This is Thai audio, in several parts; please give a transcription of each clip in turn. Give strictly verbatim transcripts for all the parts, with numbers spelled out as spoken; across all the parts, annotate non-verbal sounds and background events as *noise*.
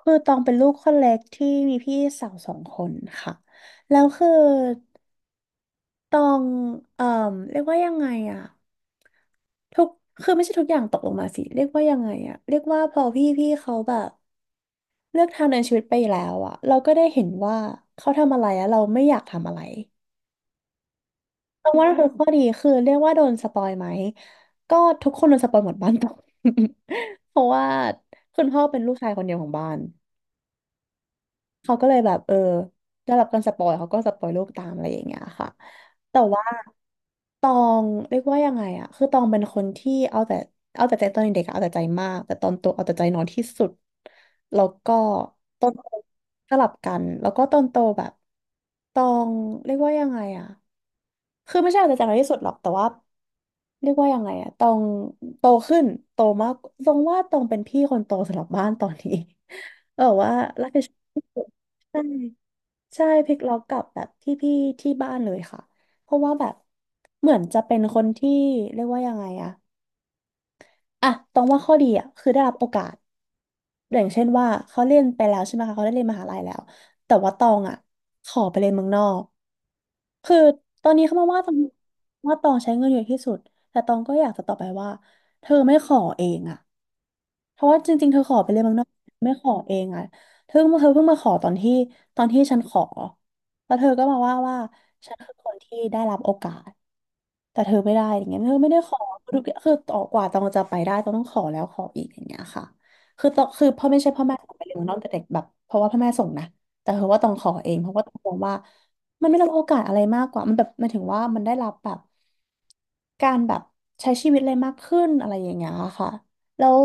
คือตองเป็นลูกคนเล็กที่มีพี่สาวสองคนค่ะแล้วคือตองเอ่อเรียกว่ายังไงอะทุกคือไม่ใช่ทุกอย่างตกลงมาสิเรียกว่ายังไงอะเรียกว่าพอพี่พี่เขาแบบเลือกทางเดินชีวิตไปแล้วอะเราก็ได้เห็นว่าเขาทำอะไรแล้วเราไม่อยากทำอะไรตองว่านั่นคือข้อดีคือเรียกว่าโดนสปอยไหมก็ทุกคนโดนสปอยหมดบ้านตอง *laughs* เพราะว่าคุณพ่อเป็นลูกชายคนเดียวของบ้าน เขาก็เลยแบบเออได้รับการสปอยเขาก็สปอยโลกตามอะไรอย่างเงี้ยค่ะแต่ว่าตองเรียกว่ายังไงอะคือตองเป็นคนที่เอาแต่เอาแต่ใจตอนเด็กอะเอาแต่ใจมากแต่ตอนโตเอาแต่ใจน้อยที่สุดแล้วก็ตอนโตสลับกันแล้วก็ตอนโตแบบตองเรียกว่ายังไงอะ คือไม่ใช่อาจจะจำได้ที่สุดหรอกแต่ว่าเรียกว่ายังไงอะตองโตขึ้นโตมากตรงว่าตองเป็นพี่คนโตสำหรับบ้านตอนนี้ *laughs* เออว่ารับผิดชอบที่สุดใช่ใช่พลิกล็อกกับแบบพี่พี่ที่บ้านเลยค่ะเพราะว่าแบบเหมือนจะเป็นคนที่เรียกว่ายังไงอะอะตองว่าข้อดีอะคือได้รับโอกาสอย่างเช่นว่าเขาเรียนไปแล้วใช่ไหมคะเขาได้เรียนมหาลัยแล้วแต่ว่าตองอะขอไปเรียนเมืองนอก คือตอนนี้เขามาว่าตองว่าตองใช้เงินเยอะที่สุดแต่ตองก็อยากจะตอบไปว่าเธอไม่ขอเองอะเพราะว่าจริงๆเธอขอไปเลยนเมืองนอกไม่ขอเองอะเธอเธอเพิ่งมาขอตอนที่ตอนที่ฉันขอแล้วเธอก็มาว่าว่าฉันคือคนที่ได้รับโอกาส แต่เธอไม่ได้อย่างเงี้ยเธอไม่ได้ขอทุกอย่างคือต่อกว่าตองจะไปได้ต้องต้องขอแล้วขออีกอย่างเงี้ยค่ะคือตองคือพ่อไม่ใช่พ่อแม่ส่งไปเรียนเมืองนอกแต่เด็กแบบเพราะว่าพ่อแม่ส่งนะแต่เธอว่าต้องขอเองเพราะว่าต้องมองว่ามันไม่ได้รับโอกาสอะไรมากกว่ามันแบบมันถึงว่ามันได้รับแบบการแบบใช้ชีวิตอะไรมากขึ้นอะไรอย่างเงี้ยค่ะแล้ว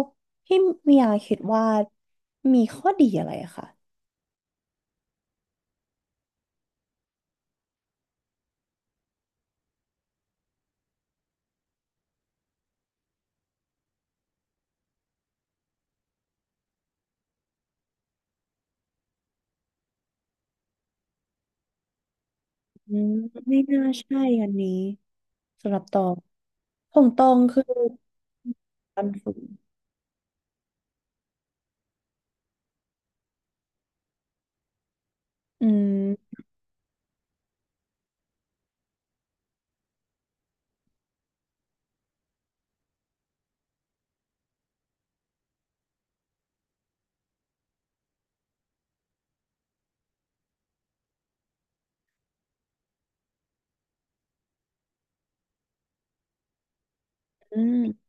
พี่เมียคิดว่ามีข้อดีอะไรอะค่ะอืมไม่น่าใช่อันนี้สำหรับตองของตองคือการฝึก อืมอืม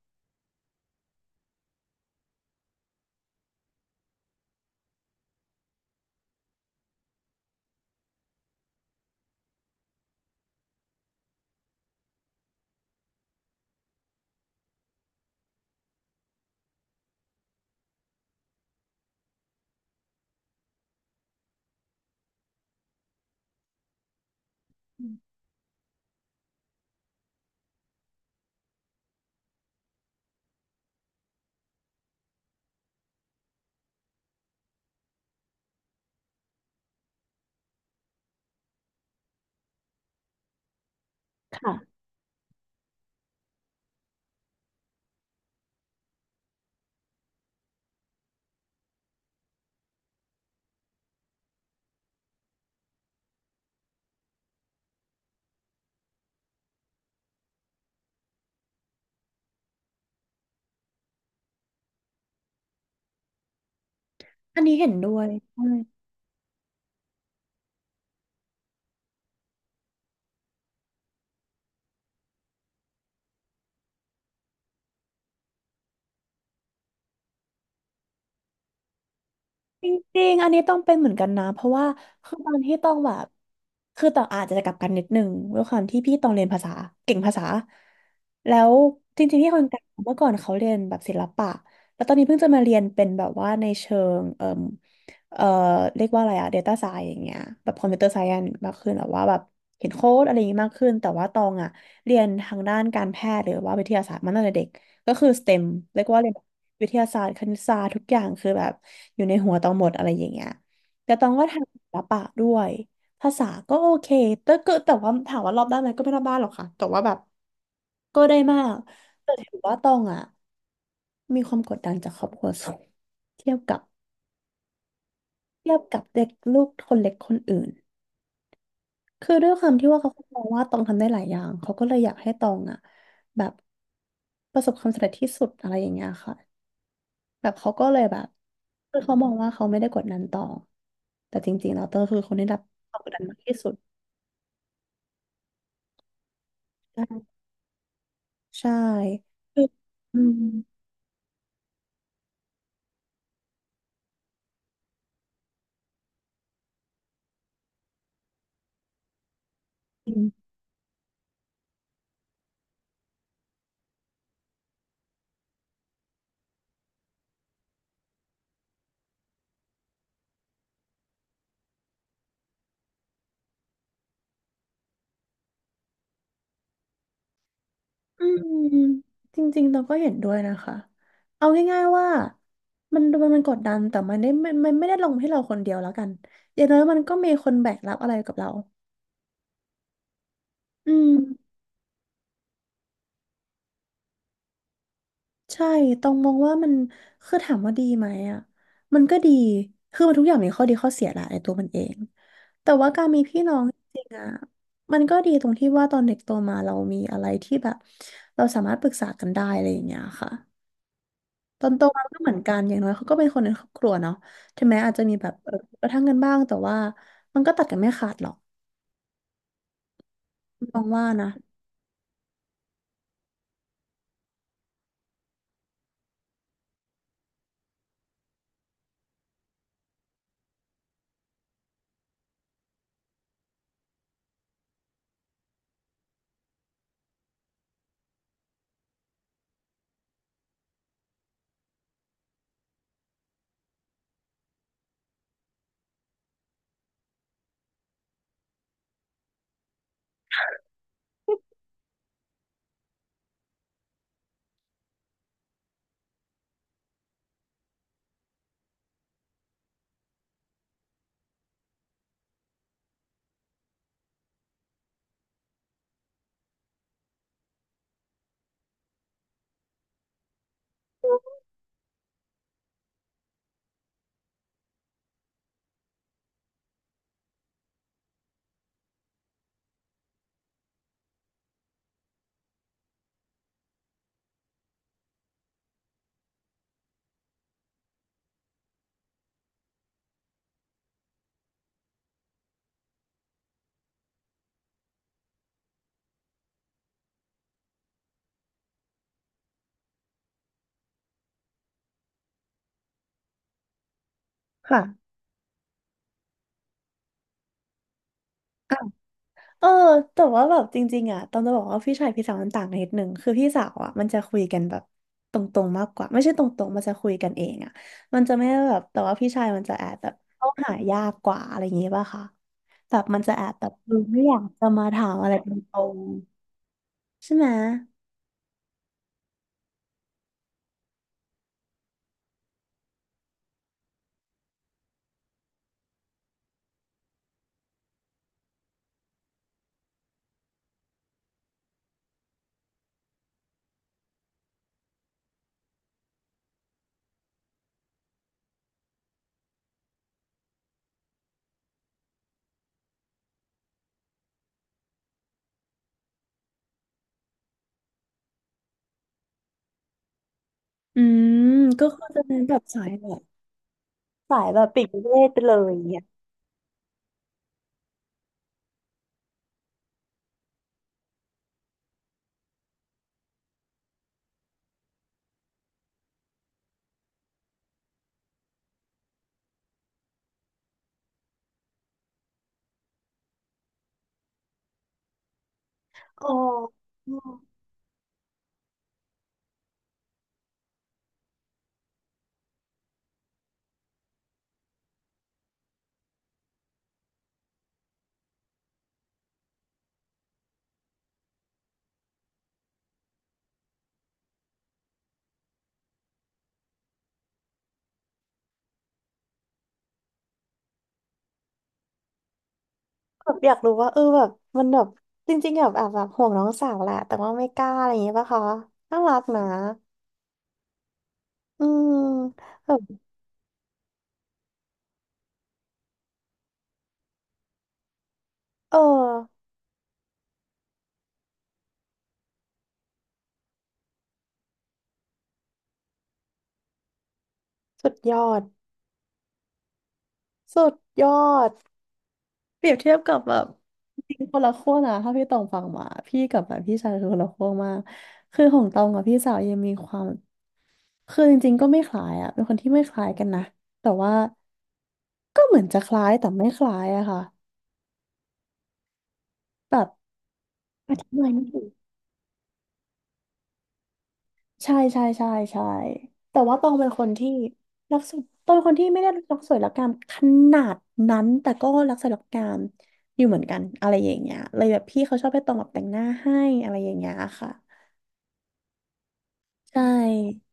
ค่ะอันนี้เห็นด้วยใช่จริงๆอันนี้ต้องเป็นเหมือนกันนะเพราะว่าคือตอนที่ต้องแบบคือต้องอาจจะกลับกันนิดนึงด้วยความที่พี่ต้องเรียนภาษาเก่งภาษาแล้วจริงๆที่คนกลางเมื่อก่อนเขาเรียนแบบศิลปะแล้วตอนนี้เพิ่งจะมาเรียนเป็นแบบว่าในเชิงเอ่อเอ่อเรียกว่าอะไรอะ ดี ที เอ ไซเอนซ์ อย่างเงี้ยแบบคอมพิวเตอร์ไซเอนซ์มากขึ้นแบบว่าแบบเห็นโค้ดอะไรอย่างงี้มากขึ้นแต่ว่าตองอะเรียนทางด้านการแพทย์หรือว่าวิทยาศาสตร์มาตั้งแต่เด็ก ก็คือเอสทีอีเ e ็มเรียกว่าเรียนวิทยาศาสตร์คณิตศาสตร์ทุกอย่างคือแบบอยู่ในหัวตองหมดอะไรอย่างเงี้ยแต่ตองก็ทำศิลปะด้วย ภาษาก็โอเค แต่ก็แต่ว่าถามว่ารอบด้านไหมก็ไม่รอบด้านหรอกค่ะแต่ว่าแบบก็ได้มากแต่ถือว่าตองอ่ะมีความกดดันจากครอบครัวสูงเทียบกับเทียบกับเด็กลูกคนเล็กคนอื่น คือด้วยความที่ว่าเขามองว่าตองทำได้หลายอย่างเขาก็เลยอยากให้ตองอ่ะแบบประสบความสำเร็จที่สุดอะไรอย่างเงี้ยค่ะ แบบเขาก็เลยแบบคือเขามองว่าเขาไม่ได้กดดันต่อแต่จริงๆแล้วเตอร์คือคนที่รับความกดดันมากที่สุดใช่คืออืมอืมอืมจริงๆเราก็เห็นด้วยนะคะเอาง่ายๆว่ามันมันมันกดดันแต่มันได้ไม่มันไม่ได้ลงให้เราคนเดียวแล้วกันอย่างน้อยมันก็มีคนแบกรับอะไรกับเราอืม ใช่ต้องมองว่ามันคือถามว่าดีไหมอ่ะมันก็ดีคือมันทุกอย่างมีข้อดีข้อเสียแหละในตัวมันเองแต่ว่าการมีพี่น้องจริงๆอ่ะมันก็ดีตรงที่ว่าตอนเด็กโตมาเรามีอะไรที่แบบเราสามารถปรึกษากันได้อะไรอย่างเงี้ยค่ะตอนโตมาก็เหมือนกันอย่างน้อยเขาก็เป็นคนในครอบครัวเนาะถึงแม้อาจจะมีแบบเออกระทั่งกันบ้างแต่ว่ามันก็ตัดกันไม่ขาดหรอกมองว่านะค่ะ เออแต่ว่าแบบจริงๆอ่ะต้องจะบอกว่าพี่ชายพี่สาวมันต่างกันนิดนึงคือพี่สาวอ่ะมันจะคุยกันแบบตรงๆมากกว่าไม่ใช่ตรงๆมันจะคุยกันเองอ่ะมันจะไม่ได้แบบแต่ว่าพี่ชายมันจะแอบแบบเข้าหายากกว่าอะไรอย่างงี้ป่ะคะแบบมันจะแอบแบบเออไม่อยากจะมาถามอะไรตรงๆใช่ไหมอืมก็คือจะเป็นแบบสายแบบสายแบบปิดเวทไปเลยอย่างเงี้ยอ๋อ แบบอยากรู้ว่าเออแบบมันแบบจริงๆแบบแอบแบบห่วงน้องสาวแหละแต่ว่าไม่กล้าอะไรอย่างเงี้ยป่ะคะน่ารักนะอืมแบบเออสุดยอดสุดยอดเปรียบเทียบกับแบบจริงคนละขั้วนะถ้าพี่ตองฟังมาพี่กับแบบพี่ชายคือคนละขั้วมากคือของตองกับพี่สาวยังมีความคือจริงๆก็ไม่คล้ายอะเป็นคนที่ไม่คล้ายกันนะแต่ว่าก็เหมือนจะคล้ายแต่ไม่คล้ายอะค่ะแบบอธิบายไม่ถูก ใช่ใช่ใช่ใช่แต่ว่าตองเป็นคนที่รักสวยตองเป็นคนที่ไม่ได้รักสวยรักงามขนาดนั้นแต่ก็รักสวยรักงามอยู่เหมือนกันอะไรอย่างเงี้ยเลยแบบพี่เขาชอบให้ตองแบบแต่งหน้าให้อะไรอย่างเงี้ยค่ะใช่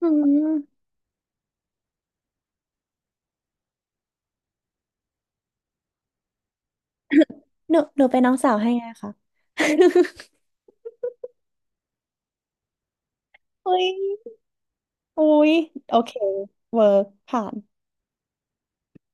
อืมหนูหนูเป็นน้องสาวให้ไงคะ *laughs* อุ้ยอุ้ยโอเคเวิร์กผ่าน